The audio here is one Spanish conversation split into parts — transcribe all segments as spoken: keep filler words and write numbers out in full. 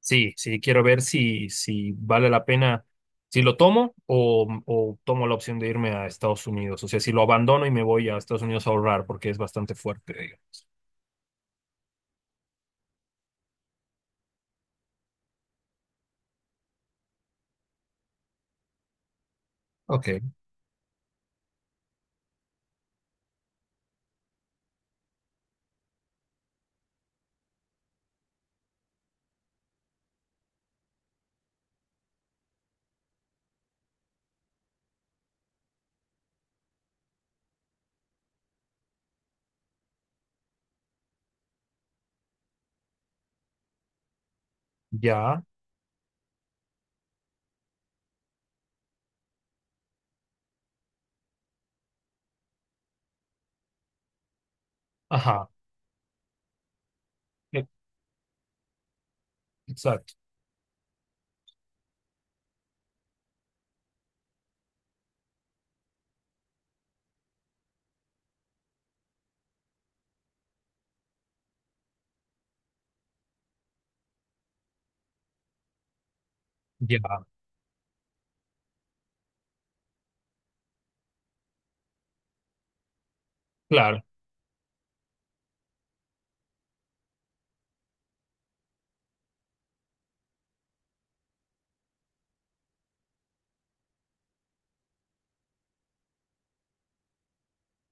Sí, sí, quiero ver si, si vale la pena, si lo tomo o, o tomo la opción de irme a Estados Unidos. O sea, si lo abandono y me voy a Estados Unidos a ahorrar, porque es bastante fuerte, digamos. Ok, ya, ajá, e- exacto, ya, claro.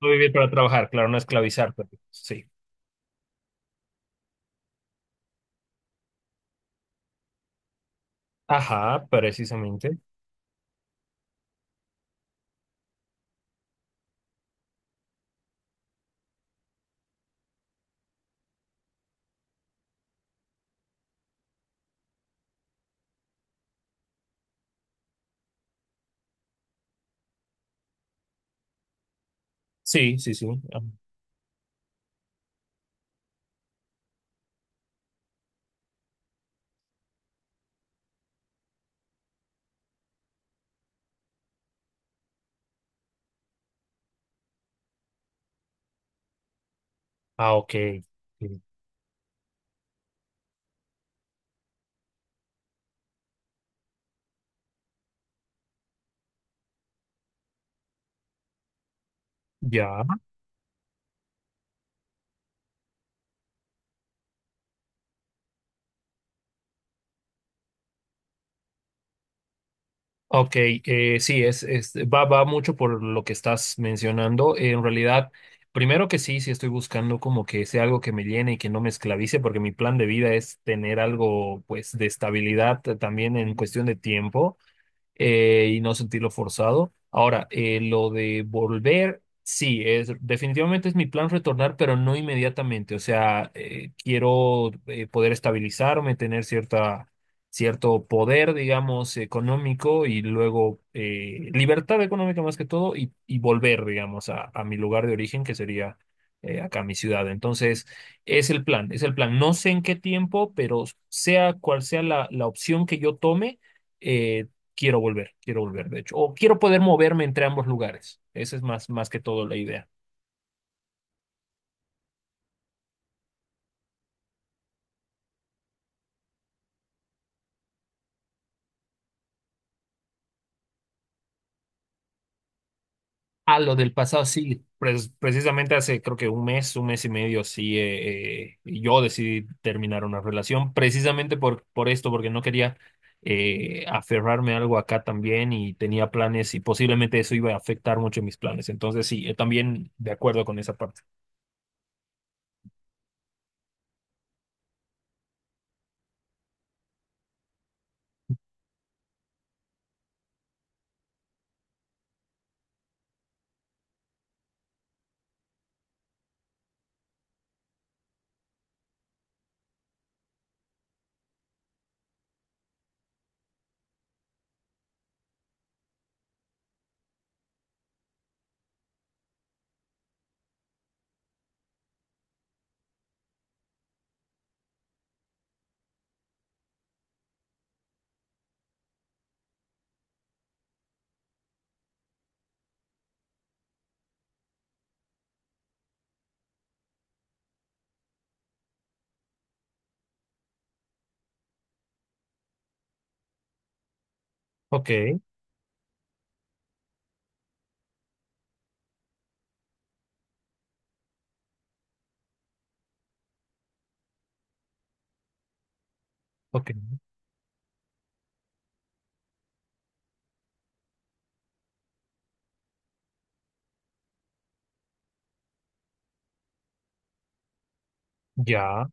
No vivir para trabajar, claro, no esclavizar, pero sí. Ajá, precisamente. Sí, sí, sí. Ah, ah, ok, sí, ya. Ok, eh, sí, es, es, va, va mucho por lo que estás mencionando. En realidad, primero que sí, sí estoy buscando como que sea algo que me llene y que no me esclavice, porque mi plan de vida es tener algo pues de estabilidad eh, también en cuestión de tiempo eh, y no sentirlo forzado. Ahora, eh, lo de volver, sí, es, definitivamente es mi plan retornar, pero no inmediatamente. O sea, eh, quiero eh, poder estabilizarme, tener cierta, cierto poder, digamos, económico y luego eh, libertad económica más que todo y, y volver, digamos, a, a mi lugar de origen, que sería eh, acá mi ciudad. Entonces, es el plan, es el plan. No sé en qué tiempo, pero sea cual sea la, la opción que yo tome, eh, quiero volver, quiero volver, de hecho, o quiero poder moverme entre ambos lugares. Esa es más, más que todo la idea. Ah, lo del pasado, sí, pues precisamente hace creo que un mes, un mes y medio, sí, eh, eh, yo decidí terminar una relación, precisamente por, por esto, porque no quería eh, aferrarme a algo acá también y tenía planes y posiblemente eso iba a afectar mucho mis planes. Entonces, sí, eh, también de acuerdo con esa parte. Ok, ok, ya,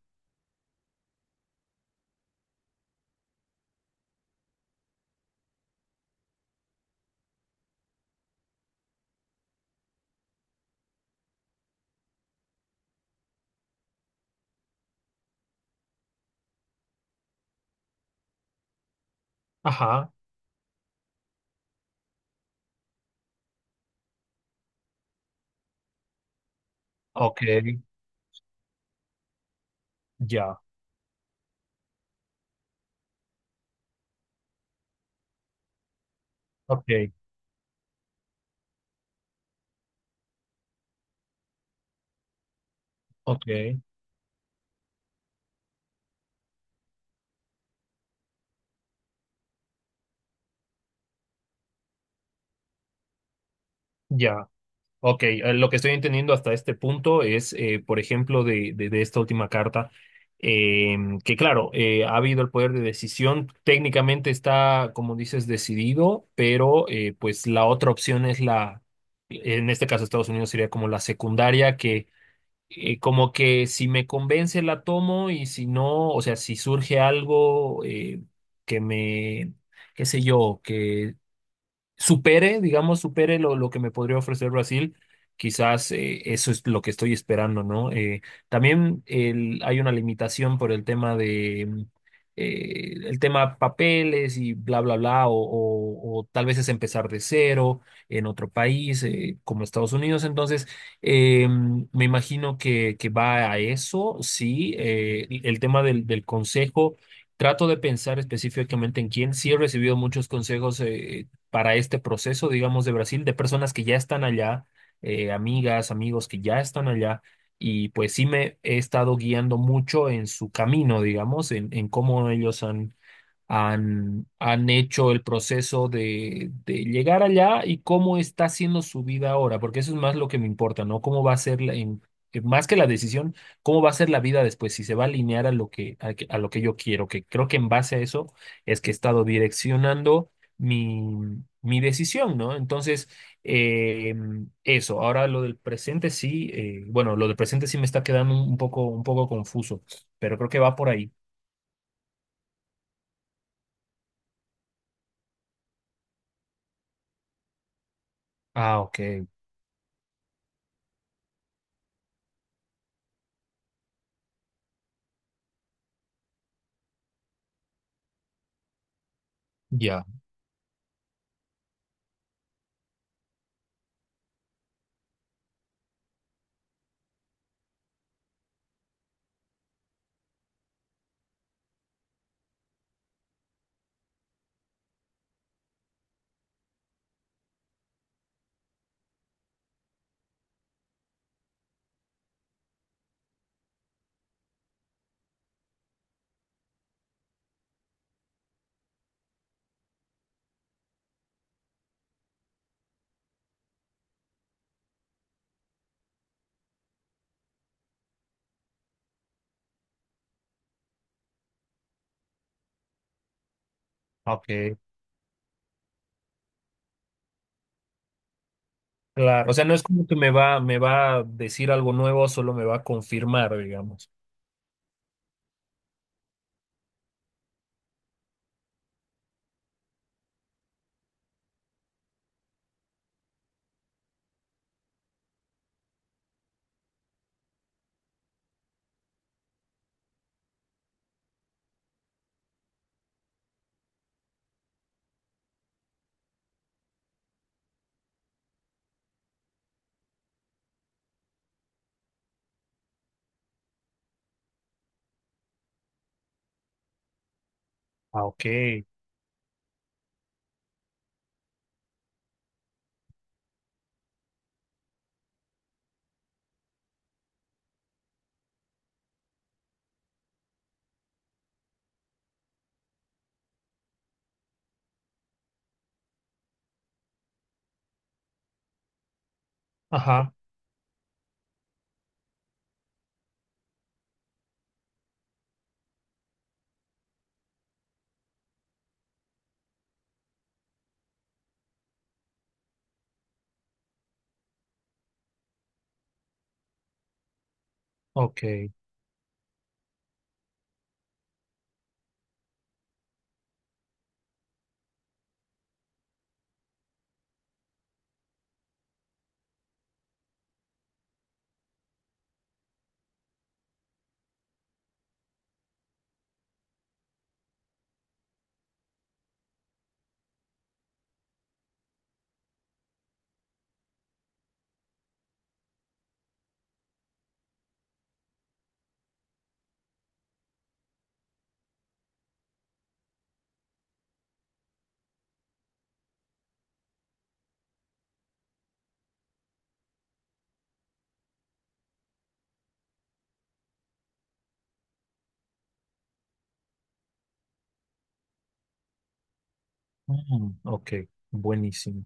ajá, ok, ya, ok, ok, ya. Ok, eh, lo que estoy entendiendo hasta este punto es, eh, por ejemplo, de, de- de esta última carta, eh, que claro, eh, ha habido el poder de decisión, técnicamente está, como dices, decidido, pero eh, pues la otra opción es la, en este caso Estados Unidos sería como la secundaria, que eh, como que si me convence la tomo y si no, o sea, si surge algo eh, que me, qué sé yo, supere, digamos, supere lo, lo que me podría ofrecer Brasil, quizás eh, eso es lo que estoy esperando, ¿no? Eh, también el- hay una limitación por el tema de mm, eh, el tema papeles y bla, bla, bla, o, o- o tal vez es empezar de cero en otro país, eh, como Estados Unidos. Entonces, eh, me imagino que, que va a eso, sí, eh, el tema del, del consejo. Trato de pensar específicamente en quién. Sí he recibido muchos consejos, eh, para este proceso, digamos, de Brasil, de personas que ya están allá, eh, amigas, amigos que ya están allá, y pues sí me he estado guiando mucho en su camino, digamos, en, en cómo ellos han han, han hecho el proceso de, de llegar allá y cómo está siendo su vida ahora, porque eso es más lo que me importa, ¿no? ¿Cómo va a ser, la- en- eh, más que la decisión, cómo va a ser la vida después, si se va a alinear a lo que, a, que- a lo que yo quiero, que creo que en base a eso es que he estado direccionando mi, mi decisión, ¿no? Entonces, eh, eso, ahora lo del presente sí, eh, bueno, lo del presente sí me está quedando un poco, un poco confuso, pero creo que va por ahí. Ah, ok, ya, ok. Claro. O claro. Sea, no es como que me va, me va a decir algo nuevo, solo me va a confirmar, digamos. Ah, ok. Ajá, ok. Mm, ok, buenísimo.